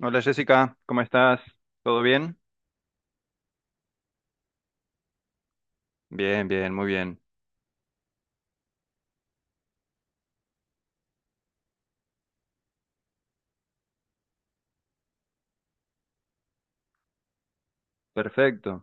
Hola Jessica, ¿cómo estás? ¿Todo bien? Bien, bien, muy bien. Perfecto.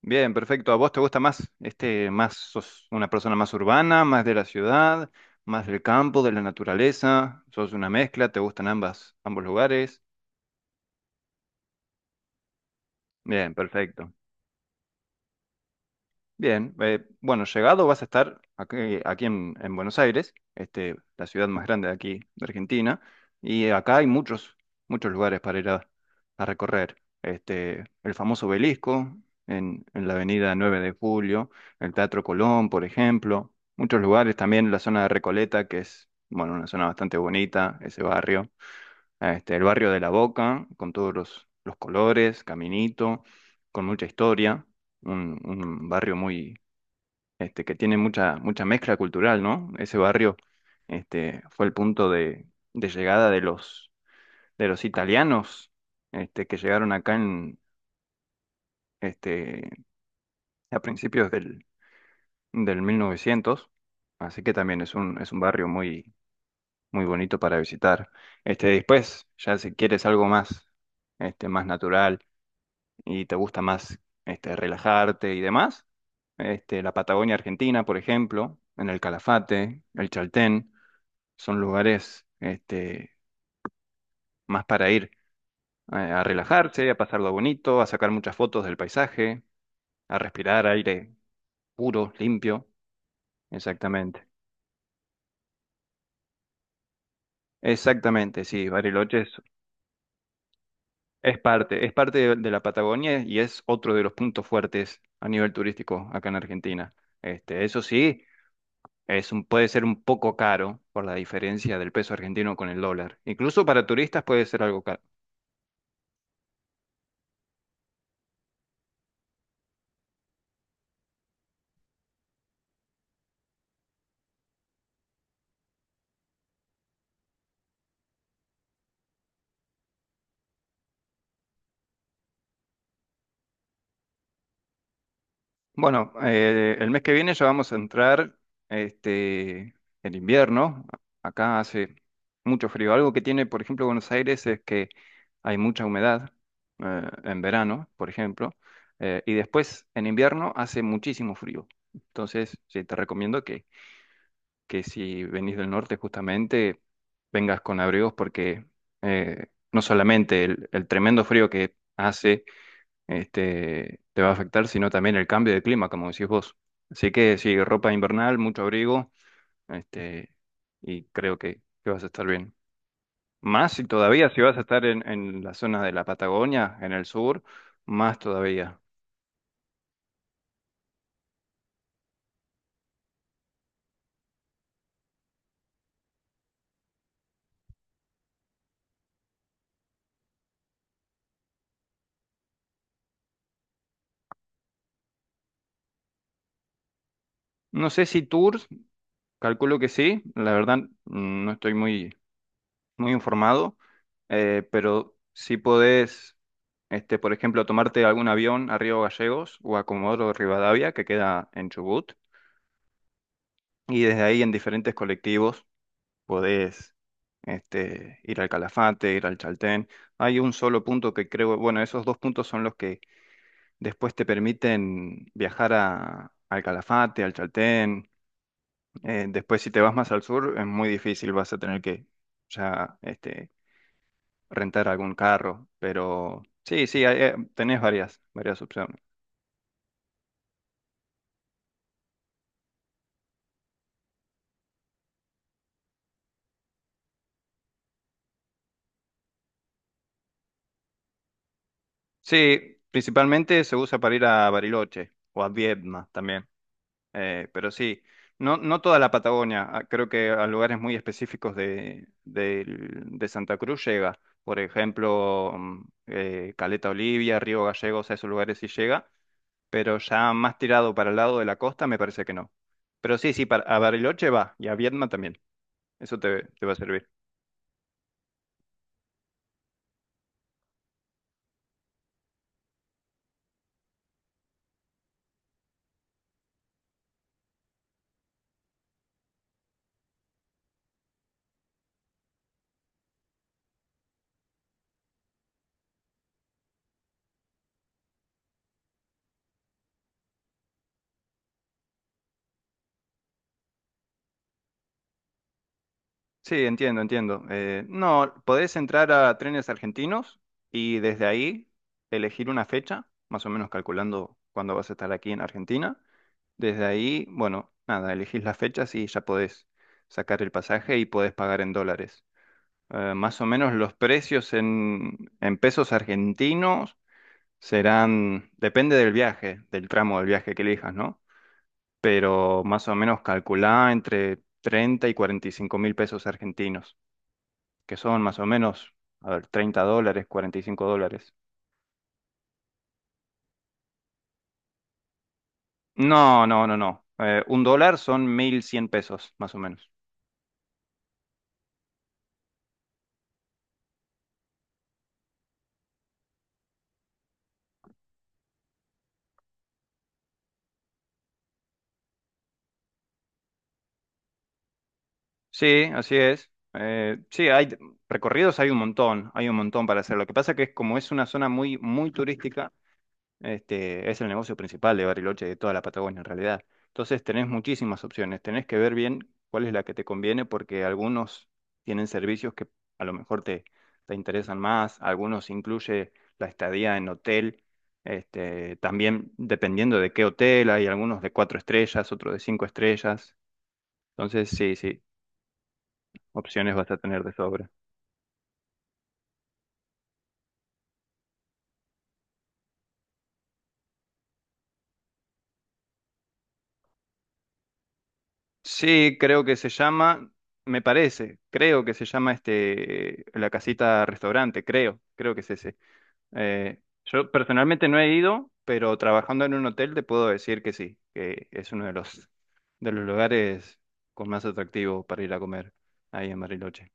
Bien, perfecto. ¿A vos te gusta más más sos una persona más urbana, más de la ciudad, más del campo, de la naturaleza? ¿Sos una mezcla? ¿Te gustan ambas, ambos lugares? Bien, perfecto. Bien, bueno, llegado vas a estar aquí, aquí en Buenos Aires, la ciudad más grande de aquí de Argentina, y acá hay muchos, muchos lugares para ir a recorrer. El famoso Obelisco en la avenida 9 de Julio, el Teatro Colón, por ejemplo, muchos lugares, también la zona de Recoleta, que es, bueno, una zona bastante bonita, ese barrio, el barrio de La Boca, con todos los colores, caminito, con mucha historia, un barrio muy que tiene mucha, mucha mezcla cultural, ¿no? Ese barrio, fue el punto de llegada de los italianos, que llegaron acá en, este, a principios del 1900, así que también es un barrio muy, muy bonito para visitar. Después, ya si quieres algo más, más natural y te gusta más, relajarte y demás, la Patagonia Argentina, por ejemplo, en el Calafate, el Chaltén. Son lugares más para ir a relajarse, a pasarlo bonito, a sacar muchas fotos del paisaje, a respirar aire puro, limpio. Exactamente. Exactamente, sí, Bariloche es parte de la Patagonia y es otro de los puntos fuertes a nivel turístico acá en Argentina. Eso sí, puede ser un poco caro por la diferencia del peso argentino con el dólar. Incluso para turistas puede ser algo caro. Bueno, el mes que viene ya vamos a entrar este, el invierno. Acá hace mucho frío. Algo que tiene, por ejemplo, Buenos Aires es que hay mucha humedad en verano, por ejemplo, y después en invierno hace muchísimo frío. Entonces, sí, te recomiendo que si venís del norte justamente vengas con abrigos porque eh, no solamente el tremendo frío que hace te va a afectar, sino también el cambio de clima, como decís vos. Así que sí, ropa invernal, mucho abrigo, este, y creo que vas a estar bien. Más si todavía, si vas a estar en la zona de la Patagonia, en el sur, más todavía. No sé si tours, calculo que sí, la verdad no estoy muy, muy informado, pero si podés, por ejemplo, tomarte algún avión a Río Gallegos o a Comodoro Rivadavia, que queda en Chubut, y desde ahí en diferentes colectivos podés ir al Calafate, ir al Chaltén. Hay un solo punto que creo, bueno, esos dos puntos son los que después te permiten viajar al Calafate, al Chaltén. Después si te vas más al sur es muy difícil, vas a tener que ya rentar algún carro. Pero sí, sí, tenés varias, varias opciones. Sí, principalmente se usa para ir a Bariloche o a Viedma también. Pero sí, no, no toda la Patagonia, ah, creo que a lugares muy específicos de Santa Cruz llega. Por ejemplo, Caleta Olivia, Río Gallegos, a esos lugares sí llega, pero ya más tirado para el lado de la costa me parece que no. Pero sí, sí, a Bariloche va y a Viedma también, eso te va a servir. Sí, entiendo, entiendo. No, podés entrar a Trenes Argentinos y desde ahí elegir una fecha, más o menos calculando cuándo vas a estar aquí en Argentina. Desde ahí, bueno, nada, elegís las fechas y ya podés sacar el pasaje y podés pagar en dólares. Más o menos los precios en pesos argentinos serán, depende del viaje, del tramo del viaje que elijas, ¿no? Pero más o menos calculá entre 30 y 45 mil pesos argentinos, que son más o menos, a ver, $30, $45. No, no, no, no. Un dólar son 1.100 pesos, más o menos. Sí, así es. Sí, hay recorridos, hay un montón para hacer. Lo que pasa que es como es una zona muy, muy turística, es el negocio principal de Bariloche, de toda la Patagonia en realidad. Entonces tenés muchísimas opciones, tenés que ver bien cuál es la que te conviene, porque algunos tienen servicios que a lo mejor te interesan más, algunos incluye la estadía en hotel, también dependiendo de qué hotel, hay algunos de cuatro estrellas, otros de cinco estrellas. Entonces, sí, sí. Opciones vas a tener de sobra. Sí, creo que se llama, me parece, creo que se llama la casita restaurante, creo que es ese. Yo personalmente no he ido, pero trabajando en un hotel te puedo decir que sí, que es uno de los lugares con más atractivo para ir a comer ahí en Bariloche.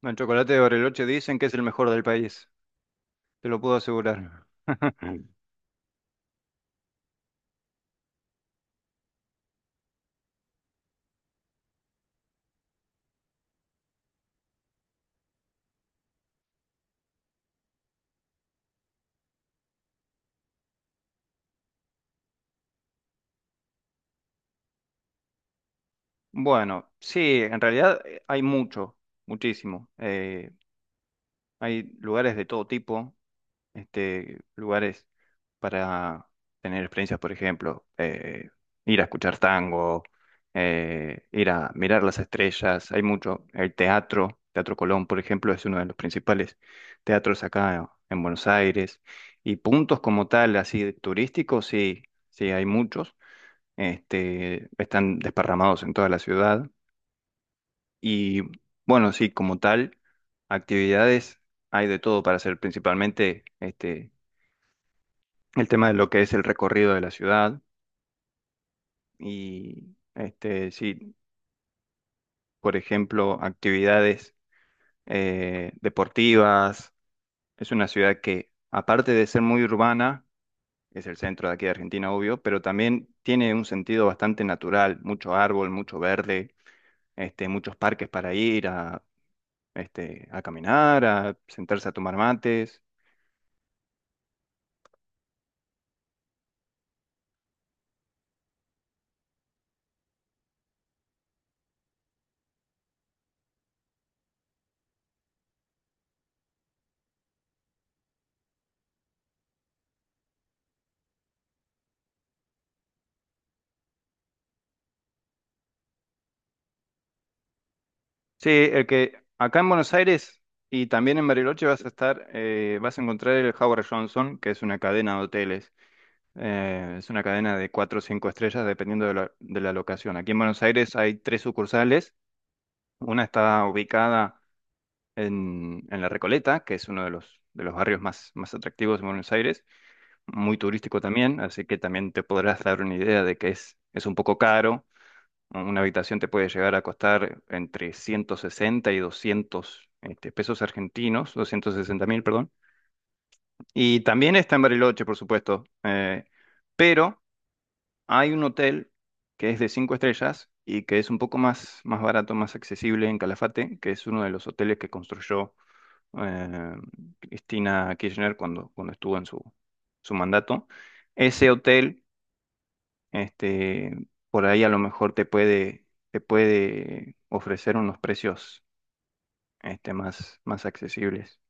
Bueno, el chocolate de Bariloche dicen que es el mejor del país, te lo puedo asegurar. Bueno, sí, en realidad hay mucho, muchísimo. Hay lugares de todo tipo, lugares para tener experiencias, por ejemplo, ir a escuchar tango, ir a mirar las estrellas, hay mucho. El teatro, Teatro Colón, por ejemplo, es uno de los principales teatros acá en Buenos Aires. Y puntos como tal, así turísticos, sí, sí, hay muchos. Están desparramados en toda la ciudad. Y bueno, sí, como tal, actividades hay de todo para hacer, principalmente el tema de lo que es el recorrido de la ciudad y sí, por ejemplo, actividades deportivas. Es una ciudad que, aparte de ser muy urbana, es el centro de aquí de Argentina, obvio, pero también tiene un sentido bastante natural, mucho árbol, mucho verde, muchos parques para ir a caminar, a sentarse a tomar mates. Sí, el que acá en Buenos Aires y también en Bariloche vas a estar, vas a encontrar el Howard Johnson, que es una cadena de hoteles. Es una cadena de cuatro o cinco estrellas dependiendo de la locación. Aquí en Buenos Aires hay tres sucursales. Una está ubicada en La Recoleta, que es uno de los barrios más, más atractivos de Buenos Aires, muy turístico también, así que también te podrás dar una idea de que es un poco caro, ¿no? Una habitación te puede llegar a costar entre 160 y 200 pesos argentinos, 260 mil, perdón. Y también está en Bariloche, por supuesto. Pero hay un hotel que es de cinco estrellas y que es un poco más, más barato, más accesible en Calafate, que es uno de los hoteles que construyó eh, Cristina Kirchner cuando estuvo en su mandato. Ese hotel este, por ahí a lo mejor te puede ofrecer unos precios más, más accesibles.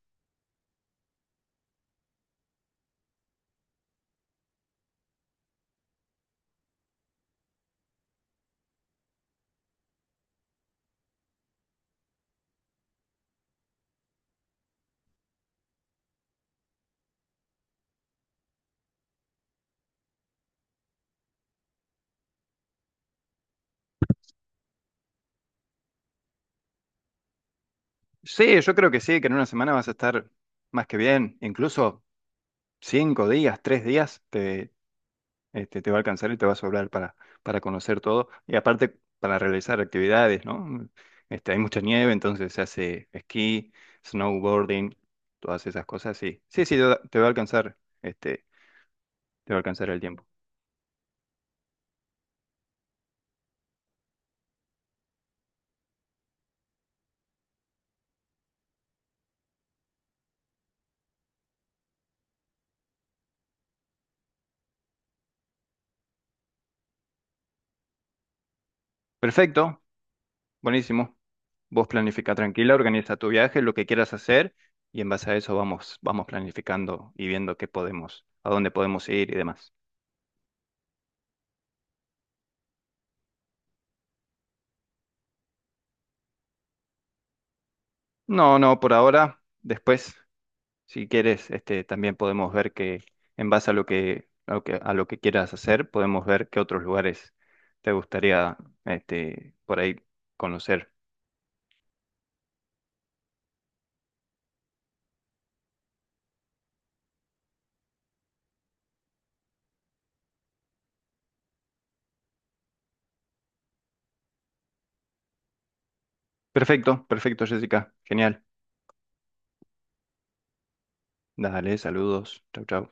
Sí, yo creo que sí, que en una semana vas a estar más que bien, incluso 5 días, 3 días, te va a alcanzar y te va a sobrar para conocer todo. Y aparte, para realizar actividades, ¿no? Hay mucha nieve, entonces se hace esquí, snowboarding, todas esas cosas, sí. Sí, sí, te va a alcanzar, este, te va a alcanzar el tiempo. Perfecto, buenísimo. Vos planifica tranquila, organiza tu viaje, lo que quieras hacer y en base a eso vamos planificando y viendo qué podemos, a dónde podemos ir y demás. No, no, por ahora, después, si quieres, también podemos ver que en base a lo que, a lo que quieras hacer, podemos ver qué otros lugares te gustaría, por ahí conocer. Perfecto, perfecto, Jessica. Genial. Dale, saludos. Chau, chau.